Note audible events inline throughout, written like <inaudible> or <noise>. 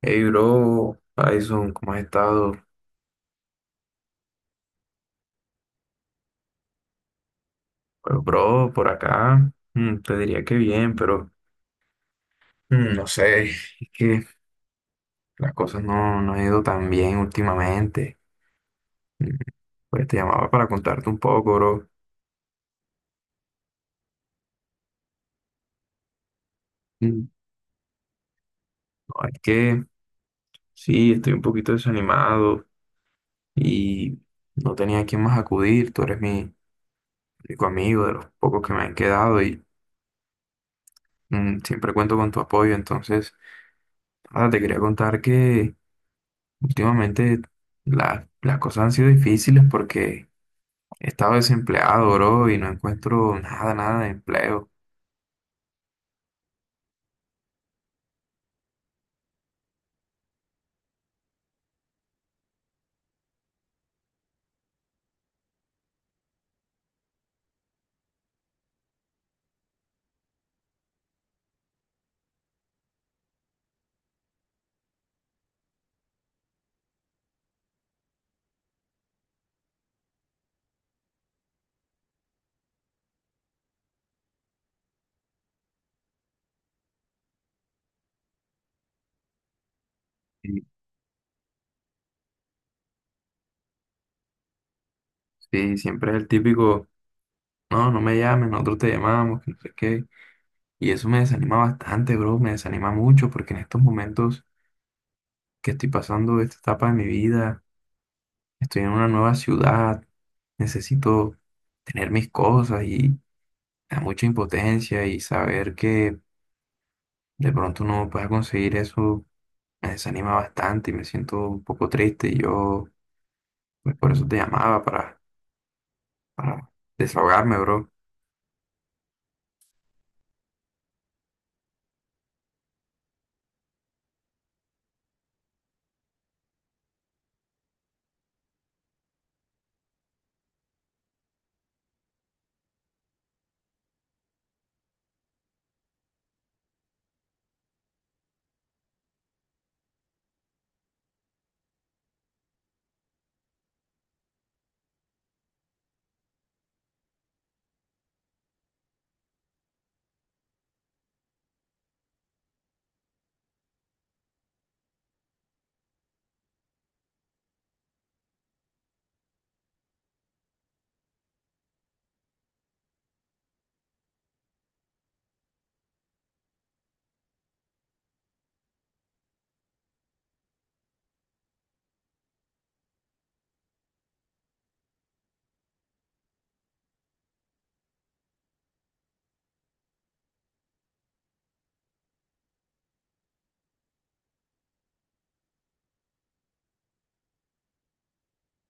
Hey, bro, Tyson, ¿cómo has estado? Pues, bro, por acá te diría que bien, pero no sé, es que las cosas no han ido tan bien últimamente. Mm, Pues te llamaba para contarte un poco, bro. Mm, No, es que sí, estoy un poquito desanimado y no tenía a quién más acudir. Tú eres mi único amigo de los pocos que me han quedado y siempre cuento con tu apoyo. Entonces, nada, te quería contar que. Últimamente las cosas han sido difíciles porque he estado desempleado, bro, y no encuentro nada de empleo. Y sí, siempre es el típico, no me llames, nosotros te llamamos, que no sé qué. Y eso me desanima bastante, bro, me desanima mucho porque en estos momentos que estoy pasando esta etapa de mi vida, estoy en una nueva ciudad, necesito tener mis cosas y me da mucha impotencia y saber que de pronto no pueda conseguir eso me desanima bastante y me siento un poco triste y yo pues, por eso te llamaba para desahogarme, bro.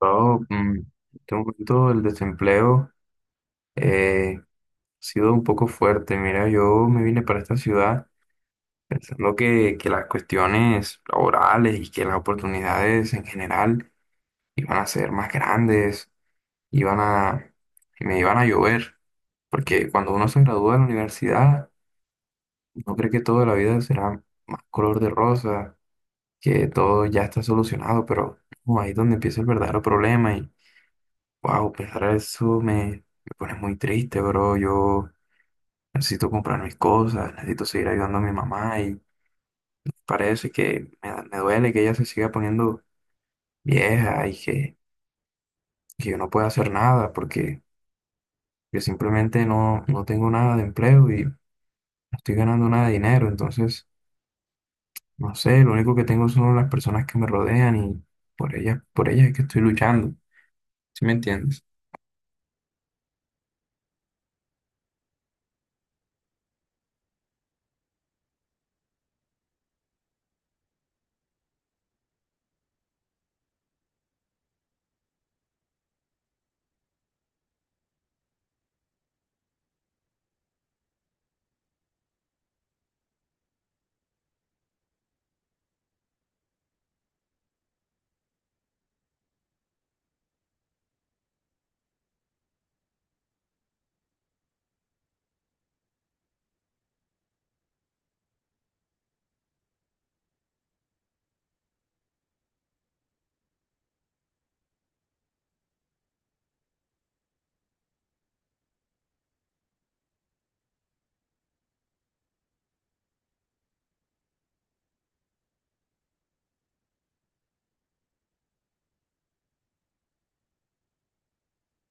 Yo, en este momento el desempleo ha sido un poco fuerte. Mira, yo me vine para esta ciudad pensando que las cuestiones laborales y que las oportunidades en general iban a ser más grandes, iban a, me iban a llover, porque cuando uno se gradúa de la universidad, no cree que toda la vida será más color de rosa que todo ya está solucionado, pero ahí es donde empieza el verdadero problema y wow, pensar eso me pone muy triste, bro. Yo necesito comprar mis cosas, necesito seguir ayudando a mi mamá y parece que me duele que ella se siga poniendo vieja y que yo no pueda hacer nada porque yo simplemente no tengo nada de empleo y no estoy ganando nada de dinero, entonces no sé, lo único que tengo son las personas que me rodean y por ellas es que estoy luchando, ¿sí me entiendes?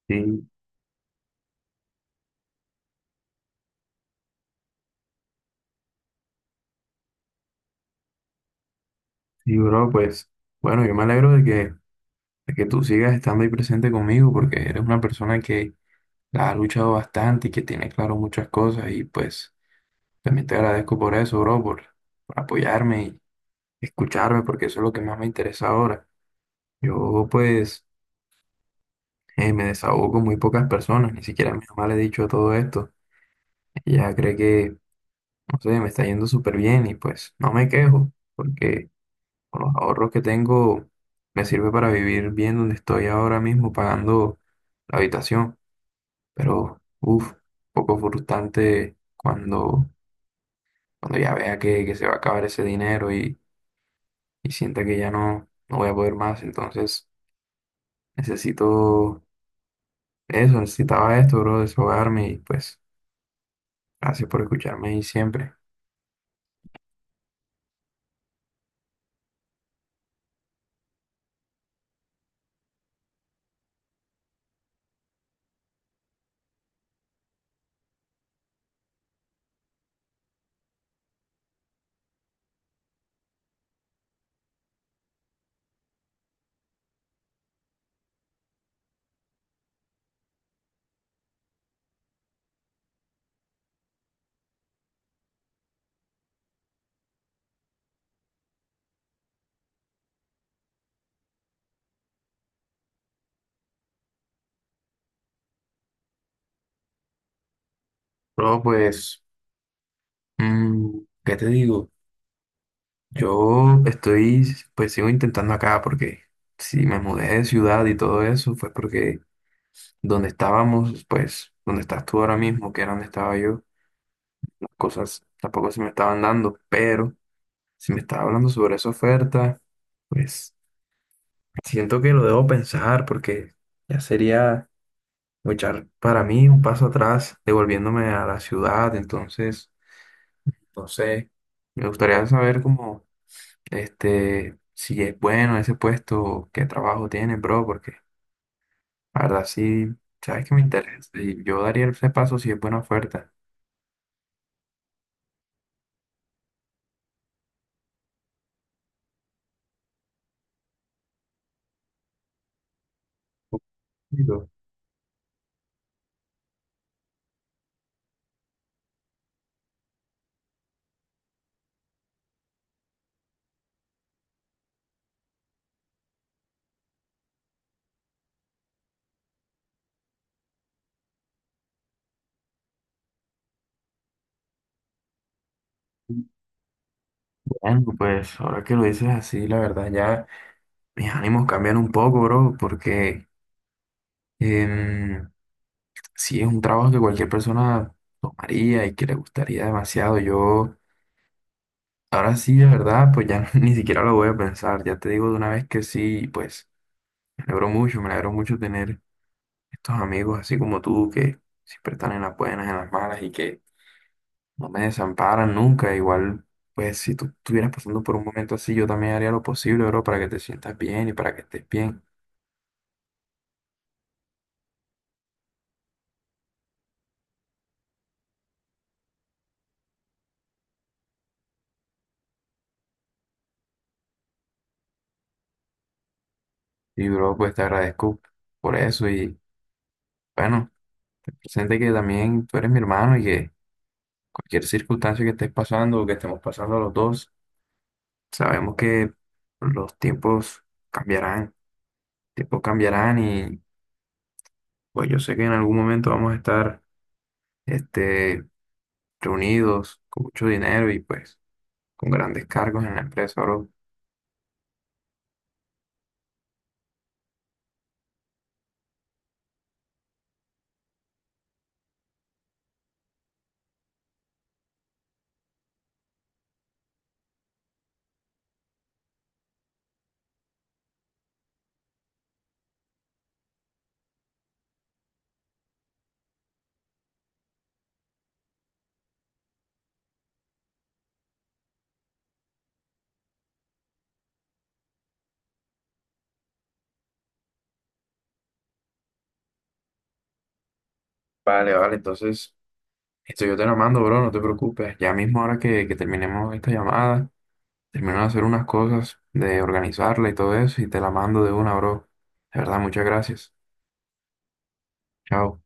Sí. Sí, bro, pues bueno, yo me alegro de de que tú sigas estando ahí presente conmigo porque eres una persona que la ha luchado bastante y que tiene claro muchas cosas y pues también te agradezco por eso, bro, por apoyarme y escucharme porque eso es lo que más me interesa ahora. Yo pues me desahogo con muy pocas personas, ni siquiera a mi mamá le he dicho todo esto. Ella cree que, no sé, me está yendo súper bien y pues no me quejo porque... Con los ahorros que tengo, me sirve para vivir bien donde estoy ahora mismo pagando la habitación. Pero, uff, poco frustrante cuando ya vea que se va a acabar ese dinero y sienta que ya no voy a poder más. Entonces, necesito eso, necesitaba esto, bro, desahogarme y pues, gracias por escucharme y siempre. Bro, pues, mm, ¿qué te digo? Yo estoy, pues sigo intentando acá porque si me mudé de ciudad y todo eso fue porque donde estábamos, pues donde estás tú ahora mismo, que era donde estaba yo, las cosas tampoco se me estaban dando, pero si me estaba hablando sobre esa oferta, pues siento que lo debo pensar porque ya sería echar para mí un paso atrás devolviéndome a la ciudad, entonces, no sé, me gustaría saber cómo... Este, si es bueno ese puesto, qué trabajo tiene, bro, porque la verdad sí, sabes que me interesa. Y yo daría ese paso si es buena oferta. Y yo, Bueno, pues ahora que lo dices así, la verdad ya mis ánimos cambian un poco, bro, porque em, sí es un trabajo que cualquier persona tomaría y que le gustaría demasiado. Yo ahora sí, de verdad, pues ya <laughs> ni siquiera lo voy a pensar. Ya te digo de una vez que sí, pues me alegro mucho tener estos amigos así como tú que siempre están en las buenas, en las malas y que no me desamparan nunca. Igual, pues si tú estuvieras pasando por un momento así, yo también haría lo posible, bro, para que te sientas bien y para que estés bien. Y, bro, pues te agradezco por eso y bueno, ten presente que también tú eres mi hermano y que cualquier circunstancia que estés pasando o que estemos pasando los dos, sabemos que los cambiarán, tiempos cambiarán y pues yo sé que en algún momento vamos a estar, este, reunidos, con mucho dinero y pues con grandes cargos en la empresa, bro. Vale, vale, entonces esto yo te lo mando, bro, no te preocupes. Ya mismo ahora que terminemos esta llamada, termino de hacer unas cosas, de organizarla y todo eso, y te la mando de una, bro. De verdad, muchas gracias. Chao.